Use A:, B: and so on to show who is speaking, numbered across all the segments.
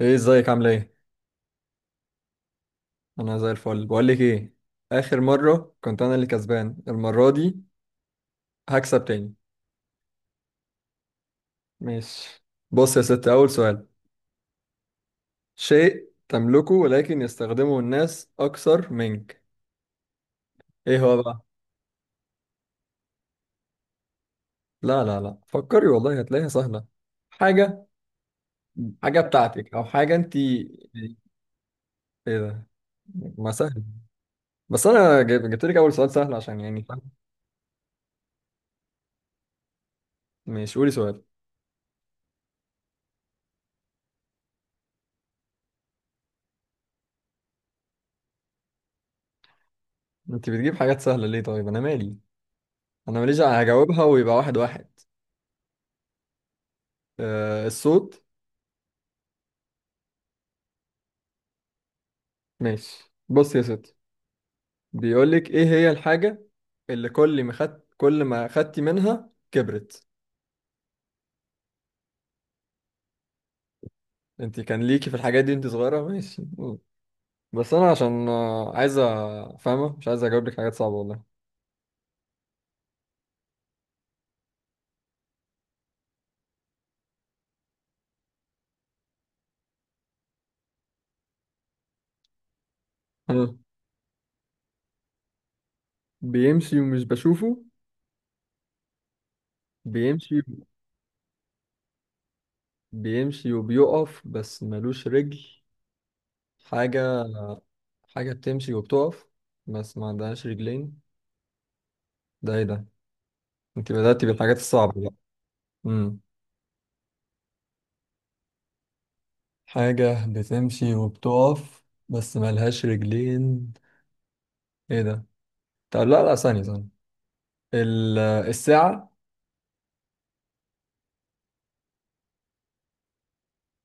A: ايه، ازيك؟ عامله ايه؟ انا زي الفل. بقول لك ايه؟ اخر مره كنت انا اللي كسبان، المره دي هكسب تاني. ماشي. بص يا ست، اول سؤال. شيء تملكه ولكن يستخدمه الناس اكثر منك. ايه هو بقى؟ لا لا لا، فكري والله هتلاقيها سهله. حاجه. حاجه بتاعتك او حاجه انت، ايه ده؟ ما سهل. بس انا جبت لك اول سؤال سهل عشان يعني. ماشي، قولي سؤال. انت بتجيب حاجات سهله ليه؟ طيب انا مالي. انا ماليش هجاوبها ويبقى 1-1. آه، الصوت. ماشي، بص يا ستي. بيقول لك ايه هي الحاجة اللي كل ما خدتي منها كبرت. انت كان ليكي في الحاجات دي انت صغيرة. ماشي، قول. بس انا عشان عايزة. فاهمة، مش عايز اجاوب لك حاجات صعبة والله. ها. بيمشي ومش بشوفه. بيمشي. بيمشي وبيقف بس ملوش رجل. حاجة. حاجة بتمشي وبتقف بس ما عندهاش رجلين. ده ايه ده؟ انت بدأتي بالحاجات الصعبة بقى. مم. حاجة بتمشي وبتقف بس ملهاش رجلين. ايه ده؟ طب لا لا، ثانية ثانية. الساعة.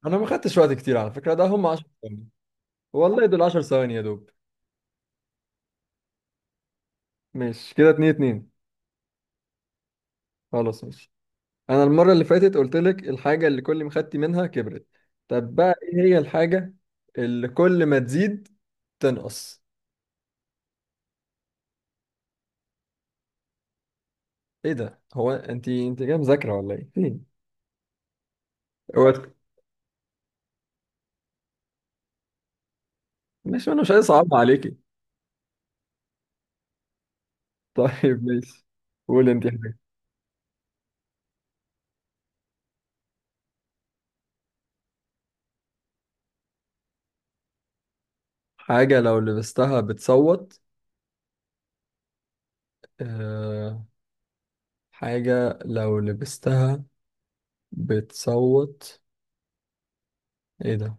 A: انا ما خدتش وقت كتير على فكرة، ده هم 10 ثواني. والله دول 10 ثواني يا دوب. ماشي، كده 2-2. خلاص، ماشي. انا المرة اللي فاتت قلت لك الحاجة اللي كل ما خدتي منها كبرت. طب بقى، ايه هي الحاجة اللي كل ما تزيد تنقص؟ ايه ده؟ هو انت جاية مذاكرة ولا ايه؟ فين؟ هو. ماشي، انا مش عايز اصعب عليكي. طيب ماشي. قول انت. حاجة لو لبستها بتصوت. أه، حاجة لو لبستها بتصوت. ايه ده؟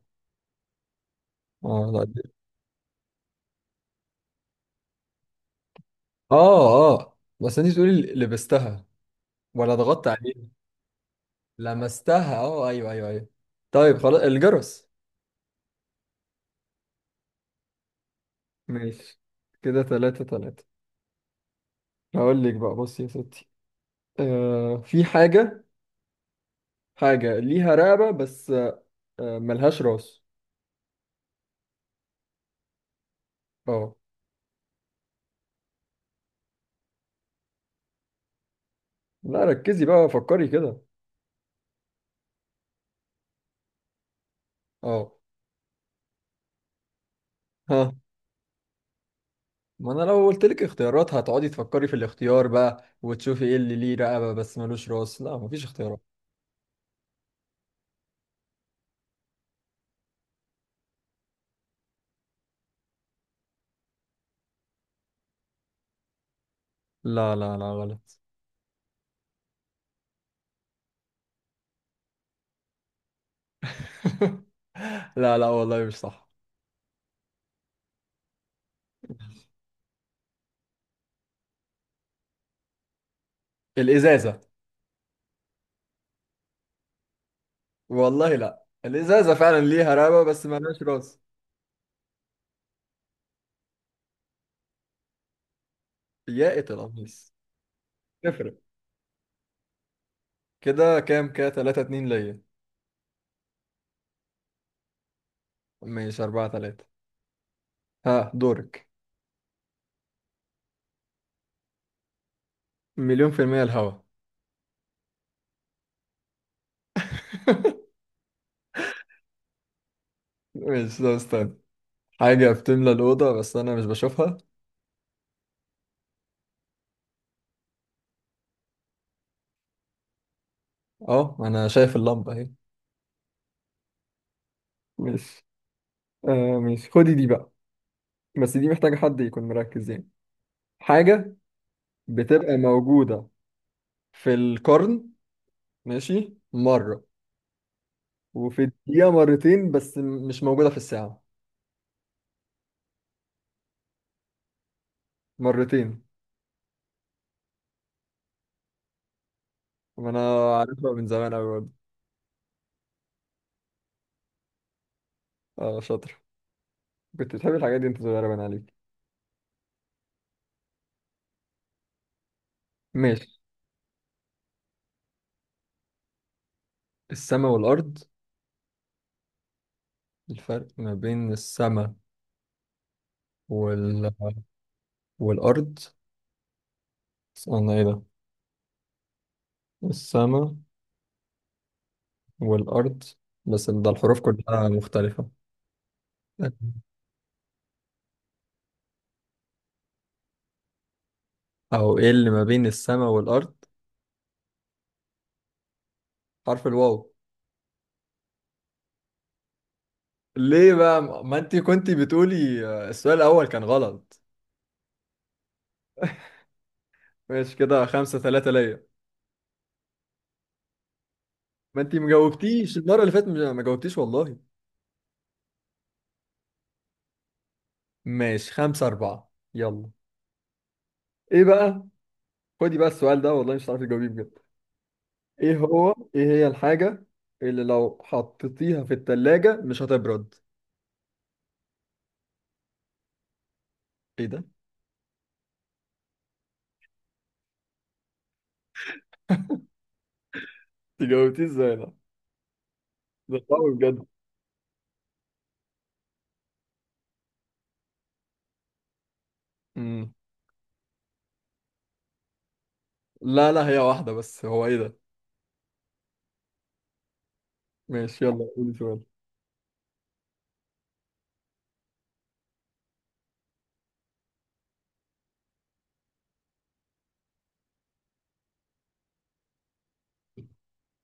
A: اه، لا. اه اه، بس انت تقولي لبستها ولا ضغطت عليها؟ لمستها، اه ايوه ايوه ايوه. طيب، خلاص الجرس. ماشي، كده 3-3. هقول لك بقى، بصي يا ستي. أه، في حاجة. حاجة ليها رقبة بس. أه، ملهاش راس. اه، لا ركزي بقى، فكري كده. اه. ها. ما انا لو قلت لك اختيارات هتقعدي تفكري في الاختيار بقى وتشوفي ايه اللي ليه رقبة بس ملوش راس. لا، مفيش اختيارات. لا لا لا، غلط. لا لا، والله مش صح. الازازة. والله لا، الازازة فعلا ليها رقبة بس ملهاش راس. يا القميص. تفرق. كده كام كده؟ 3-2 ليا. ماشي، 4-3. ها، دورك. مليون في المية الهوا. ماشي ده، استنى. حاجة بتملى الأوضة بس أنا مش بشوفها. أه، أنا شايف اللمبة أهي. ماشي. آه، ماشي، خدي دي بقى. بس دي محتاجة حد يكون مركز يعني. حاجة بتبقى موجودة في القرن ماشي مرة وفي الدقيقة مرتين بس مش موجودة في الساعة. مرتين. وأنا عارفها من زمان أوي برضه. اه، شاطر. كنت بتحب الحاجات دي أنت صغيرة، باين عليك. ماشي. السما والأرض. الفرق ما بين السما وال... والأرض. استنى، إيه ده؟ السما والأرض. بس ده الحروف كلها مختلفة. أو، إيه اللي ما بين السما والأرض؟ حرف الواو. ليه بقى؟ ما انت كنت بتقولي السؤال الاول كان غلط. ماشي، كده 5-3 ليا. ما انت مجاوبتيش المرة اللي فاتت، ما جاوبتيش والله. ماشي، 5-4 يلا. ايه بقى؟ خدي بقى السؤال ده، والله مش هتعرفي تجاوبيه بجد. ايه هو؟ ايه هي الحاجة اللي لو حطيتيها في التلاجة مش هتبرد؟ ايه ده؟ انت جاوبتيه ازاي ده؟ ده صعب بجد. مم. لا لا، هي واحدة بس. هو ايه ده؟ ماشي، يلا قولي سؤال.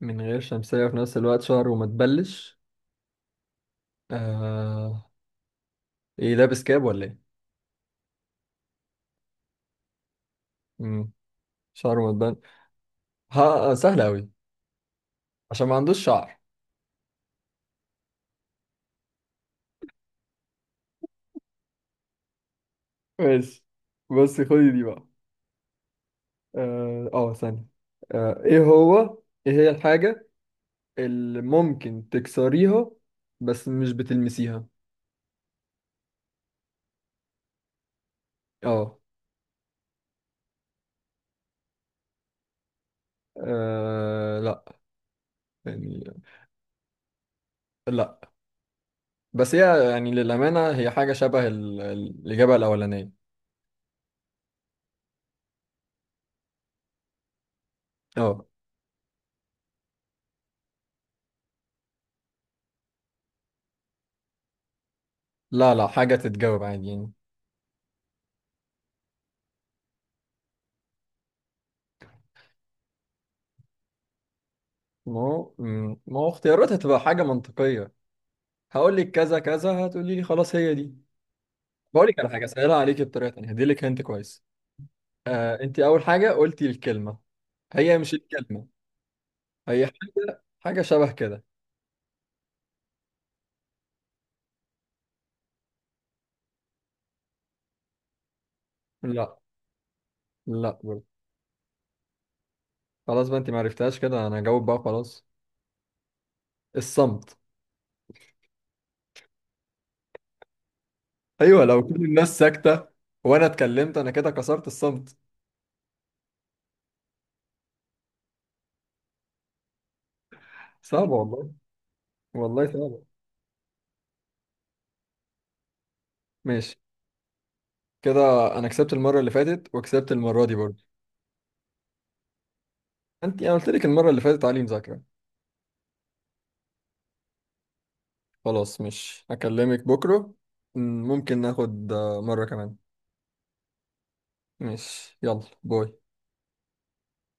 A: من غير شمسية في نفس الوقت شهر وما تبلش. آه، ايه، لابس كاب ولا ايه؟ امم. شعره متبان. ها، سهل قوي. عشان ما عندوش شعر. ماشي، بص خدي دي بقى. اه، ثانية. آه، ايه هو؟ ايه هي الحاجة اللي ممكن تكسريها بس مش بتلمسيها؟ اه. لا. يعني. لا. بس هي يعني، للأمانة، هي حاجة شبه الإجابة الأولانية. اه. لا لا، حاجة تتجاوب عادي يعني. ما هو، ما هو اختياراتها تبقى حاجة منطقية. هقول لك كذا كذا، هتقولي لي خلاص هي دي. بقول لك على حاجه، اسالها عليكي بطريقه ثانيه هدي لك هنت كويس. آه، انت اول حاجه قلتي الكلمه. هي مش الكلمه. هي حاجه حاجه شبه كده. لا لا برضه. خلاص بقى، انت ما عرفتهاش. كده انا هجاوب بقى، خلاص. الصمت. ايوه، لو كل الناس ساكته وانا اتكلمت، انا كده كسرت الصمت. صعبه والله. والله صعبه. ماشي كده. انا كسبت المره اللي فاتت وكسبت المره دي برضه. انت، انا قلت لك المره اللي فاتت علي مذاكره. خلاص، مش هكلمك بكرة. ممكن ناخد مرة كمان. مش، يلا باي.